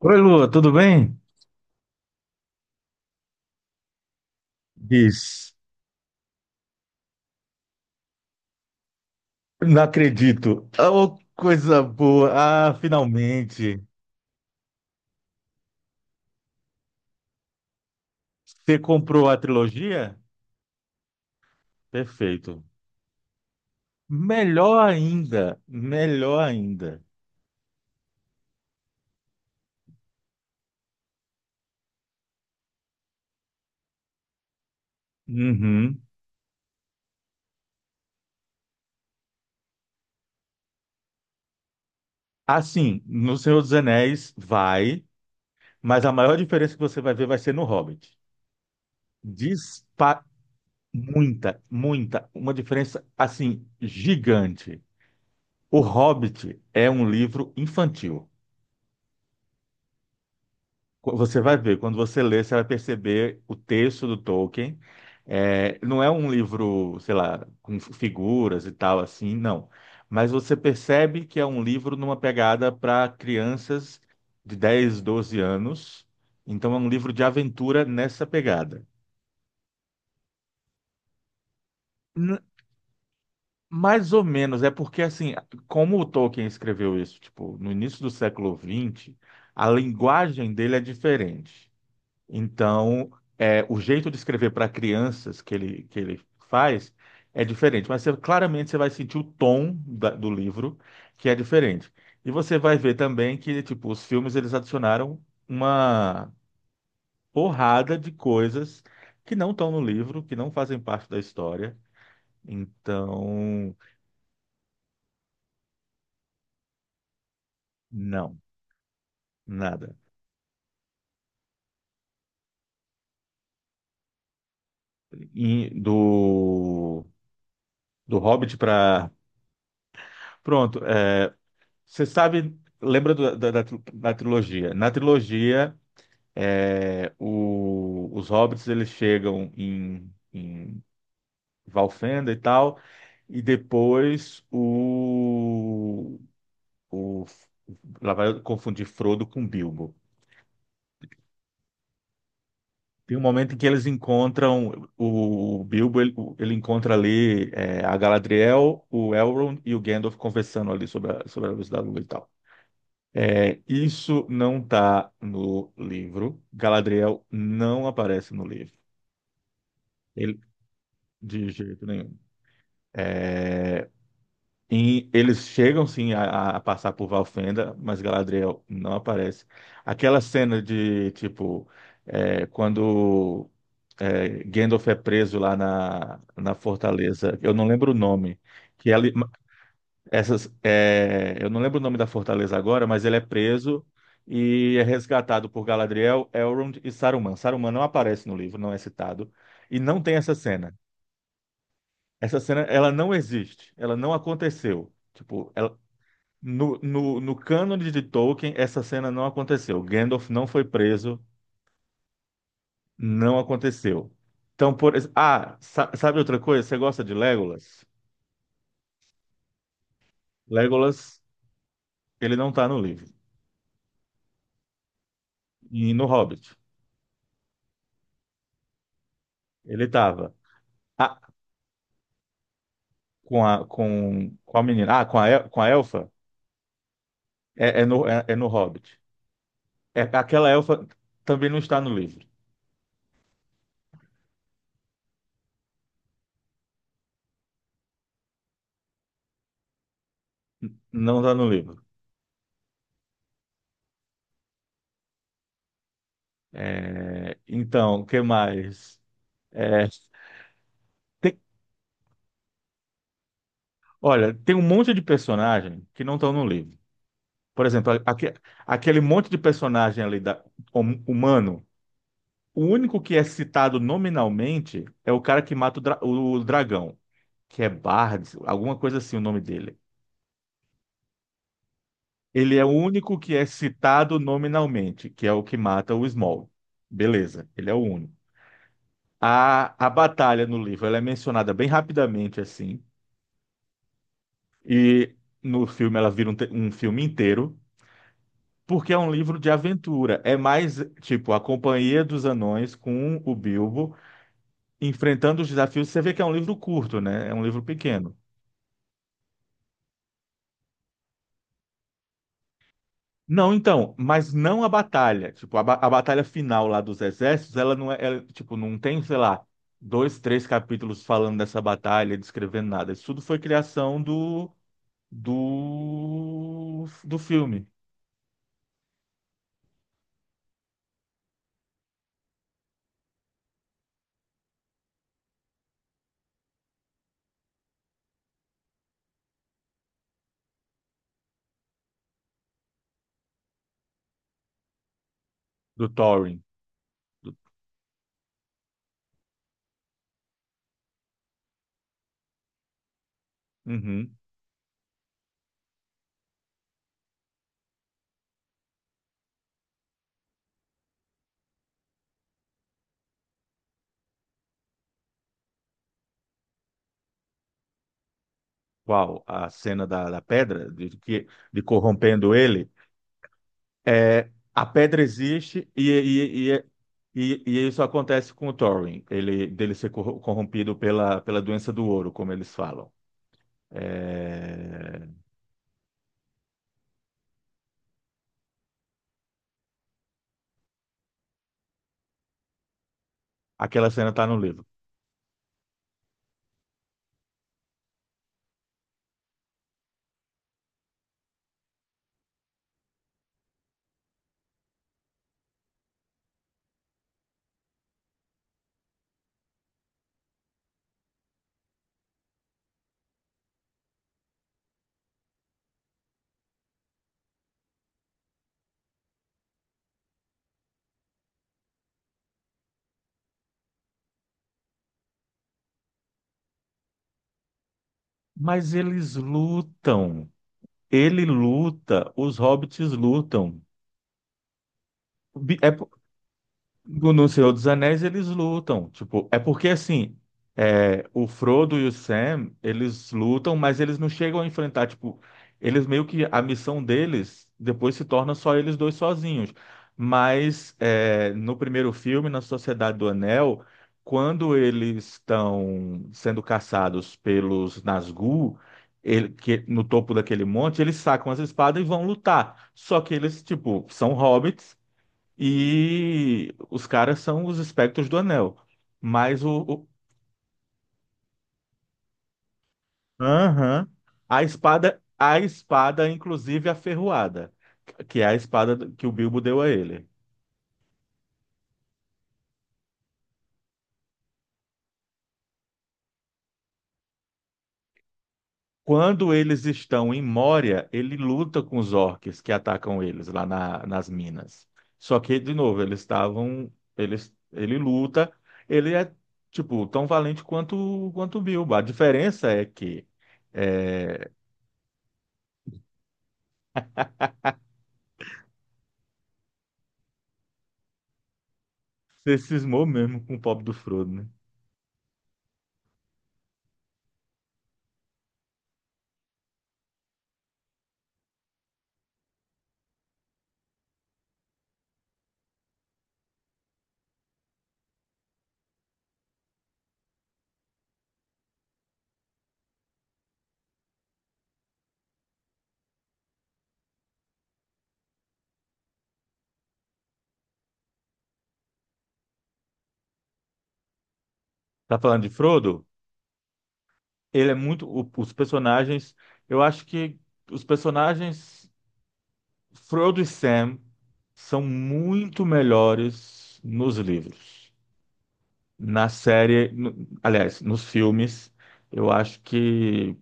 Oi, Lua, tudo bem? Diz, não acredito. Oh, coisa boa. Ah, finalmente. Você comprou a trilogia? Perfeito. Melhor ainda, melhor ainda. Uhum. Assim, no Senhor dos Anéis vai, mas a maior diferença que você vai ver vai ser no Hobbit. Dispa Muita, muita, uma diferença assim gigante. O Hobbit é um livro infantil. Você vai ver, quando você lê, você vai perceber o texto do Tolkien. É, não é um livro, sei lá, com figuras e tal assim, não. Mas você percebe que é um livro numa pegada para crianças de 10, 12 anos. Então é um livro de aventura nessa pegada. N- Mais ou menos, é porque assim, como o Tolkien escreveu isso, tipo, no início do século XX, a linguagem dele é diferente. Então, o jeito de escrever para crianças que ele faz é diferente, mas claramente você vai sentir o tom do livro que é diferente. E você vai ver também que tipo, os filmes eles adicionaram uma porrada de coisas que não estão no livro, que não fazem parte da história. Então, não, nada. E do Hobbit para. Pronto, você sabe, lembra da trilogia? Na trilogia, os hobbits eles chegam em Valfenda e tal, e depois o- lá vai confundir Frodo com Bilbo. Tem um momento em que eles encontram o Bilbo, ele encontra ali a Galadriel, o Elrond e o Gandalf conversando ali sobre a luz da lua e tal. É, isso não está no livro. Galadriel não aparece no livro. Ele, de jeito nenhum. É, e eles chegam sim a passar por Valfenda, mas Galadriel não aparece. Aquela cena de tipo quando Gandalf é preso lá na fortaleza, eu não lembro o nome, que ela, Essas, é, eu não lembro o nome da fortaleza agora, mas ele é preso e é resgatado por Galadriel, Elrond e Saruman. Saruman não aparece no livro, não é citado, e não tem essa cena. Essa cena, ela não existe, ela não aconteceu. Tipo, no cânone de Tolkien, essa cena não aconteceu. Gandalf não foi preso, não aconteceu. Então, ah, sabe outra coisa? Você gosta de Legolas? Legolas, ele não tá no livro. E no Hobbit, ele tava. Ah, com a com qual menina? Ah, com a El- com a elfa? É no Hobbit. É aquela elfa também não está no livro. Não está no livro. É, então, o que mais? É, tem- olha, tem um monte de personagem que não estão no livro. Por exemplo, aquele monte de personagem ali da humano, o único que é citado nominalmente é o cara que mata o dragão, que é Bard, alguma coisa assim o nome dele. Ele é o único que é citado nominalmente, que é o que mata o Small. Beleza, ele é o único. A batalha no livro ela é mencionada bem rapidamente, assim, e no filme ela vira um filme inteiro, porque é um livro de aventura. É mais, tipo, a companhia dos anões com o Bilbo enfrentando os desafios. Você vê que é um livro curto, né? É um livro pequeno. Não, então, mas não a batalha. Tipo, a batalha final lá dos exércitos, ela não é, ela, tipo, não tem, sei lá, dois, três capítulos falando dessa batalha, descrevendo nada. Isso tudo foi criação do filme, do Thorin. Uhum. Qual? A cena da pedra, de corrompendo ele. É, a pedra existe e isso acontece com o Thorin, ele dele ser corrompido pela doença do ouro, como eles falam. É, aquela cena está no livro. Mas eles lutam. Ele luta, os hobbits lutam. É, no Senhor dos Anéis eles lutam, tipo, é porque assim, é, o Frodo e o Sam, eles lutam, mas eles não chegam a enfrentar, tipo, eles meio que a missão deles depois se torna só eles dois sozinhos. Mas é, no primeiro filme, na Sociedade do Anel, quando eles estão sendo caçados pelos Nazgûl, que, no topo daquele monte, eles sacam as espadas e vão lutar. Só que eles, tipo, são hobbits e os caras são os espectros do anel. Mas o, o- Aham. A espada, inclusive aferroada, que é a espada que o Bilbo deu a ele. Quando eles estão em Moria, ele luta com os orques que atacam eles lá nas minas. Só que, de novo, eles estavam. Ele luta, ele é, tipo, tão valente quanto o Bilbo. A diferença é que é, você cismou mesmo com o pobre do Frodo, né? Tá falando de Frodo? Ele é muito. Os personagens. Eu acho que os personagens Frodo e Sam são muito melhores nos livros. Na série. Aliás, nos filmes. Eu acho que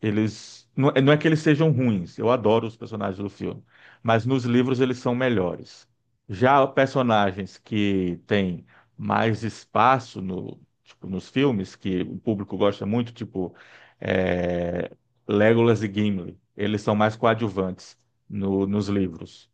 Eles não, é, não é que eles sejam ruins, eu adoro os personagens do filme, mas nos livros eles são melhores. Já personagens que têm mais espaço no, tipo, nos filmes, que o público gosta muito, tipo é, Legolas e Gimli, eles são mais coadjuvantes nos livros.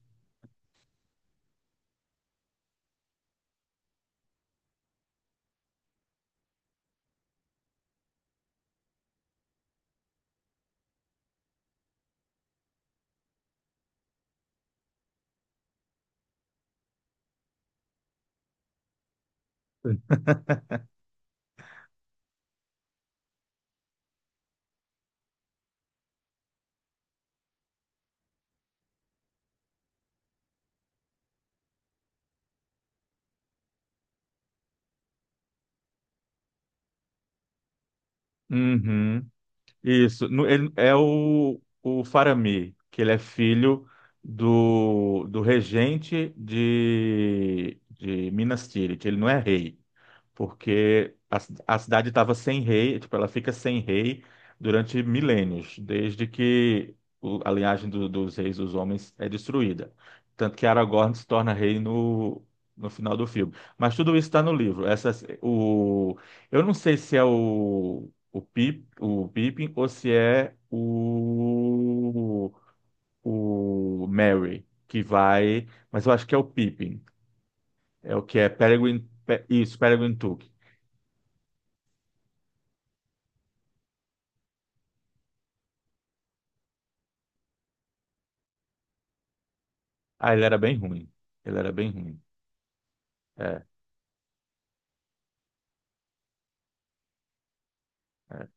Uhum. Isso. É o Faramir, que ele é filho do regente de Minas Tirith. Ele não é rei porque a cidade estava sem rei, tipo, ela fica sem rei durante milênios, desde que a linhagem dos reis dos homens é destruída. Tanto que Aragorn se torna rei no final do filme. Mas tudo isso está no livro. Eu não sei se é o Pippin ou se é o Merry que vai, mas eu acho que é o Pippin. É o que é Peregrine, isso, Peregrine Took. Ah, ele era bem ruim. Ele era bem ruim. É, é.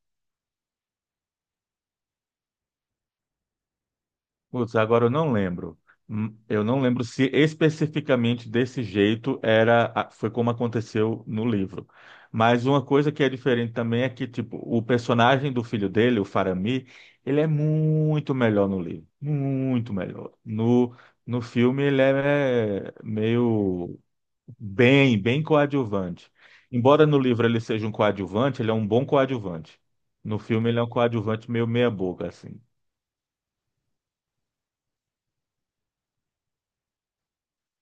Putz, agora eu não lembro. Eu não lembro se especificamente desse jeito era, foi como aconteceu no livro. Mas uma coisa que é diferente também é que, tipo, o personagem do filho dele, o Faramir, ele é muito melhor no livro. Muito melhor. No, no filme ele é meio. Bem, bem coadjuvante. Embora no livro ele seja um coadjuvante, ele é um bom coadjuvante. No filme ele é um coadjuvante meio meia boca, assim.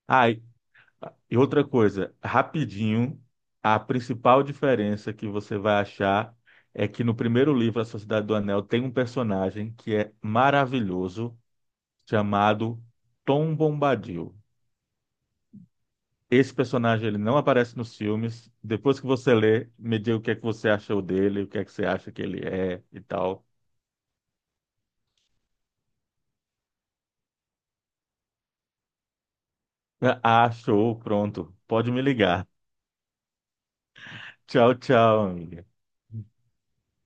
Ah, e outra coisa, rapidinho, a principal diferença que você vai achar é que no primeiro livro, A Sociedade do Anel, tem um personagem que é maravilhoso, chamado Tom Bombadil. Esse personagem ele não aparece nos filmes. Depois que você lê, me diga o que é que você achou dele, o que é que você acha que ele é e tal. Ah, show, pronto. Pode me ligar. Tchau, tchau, amiga.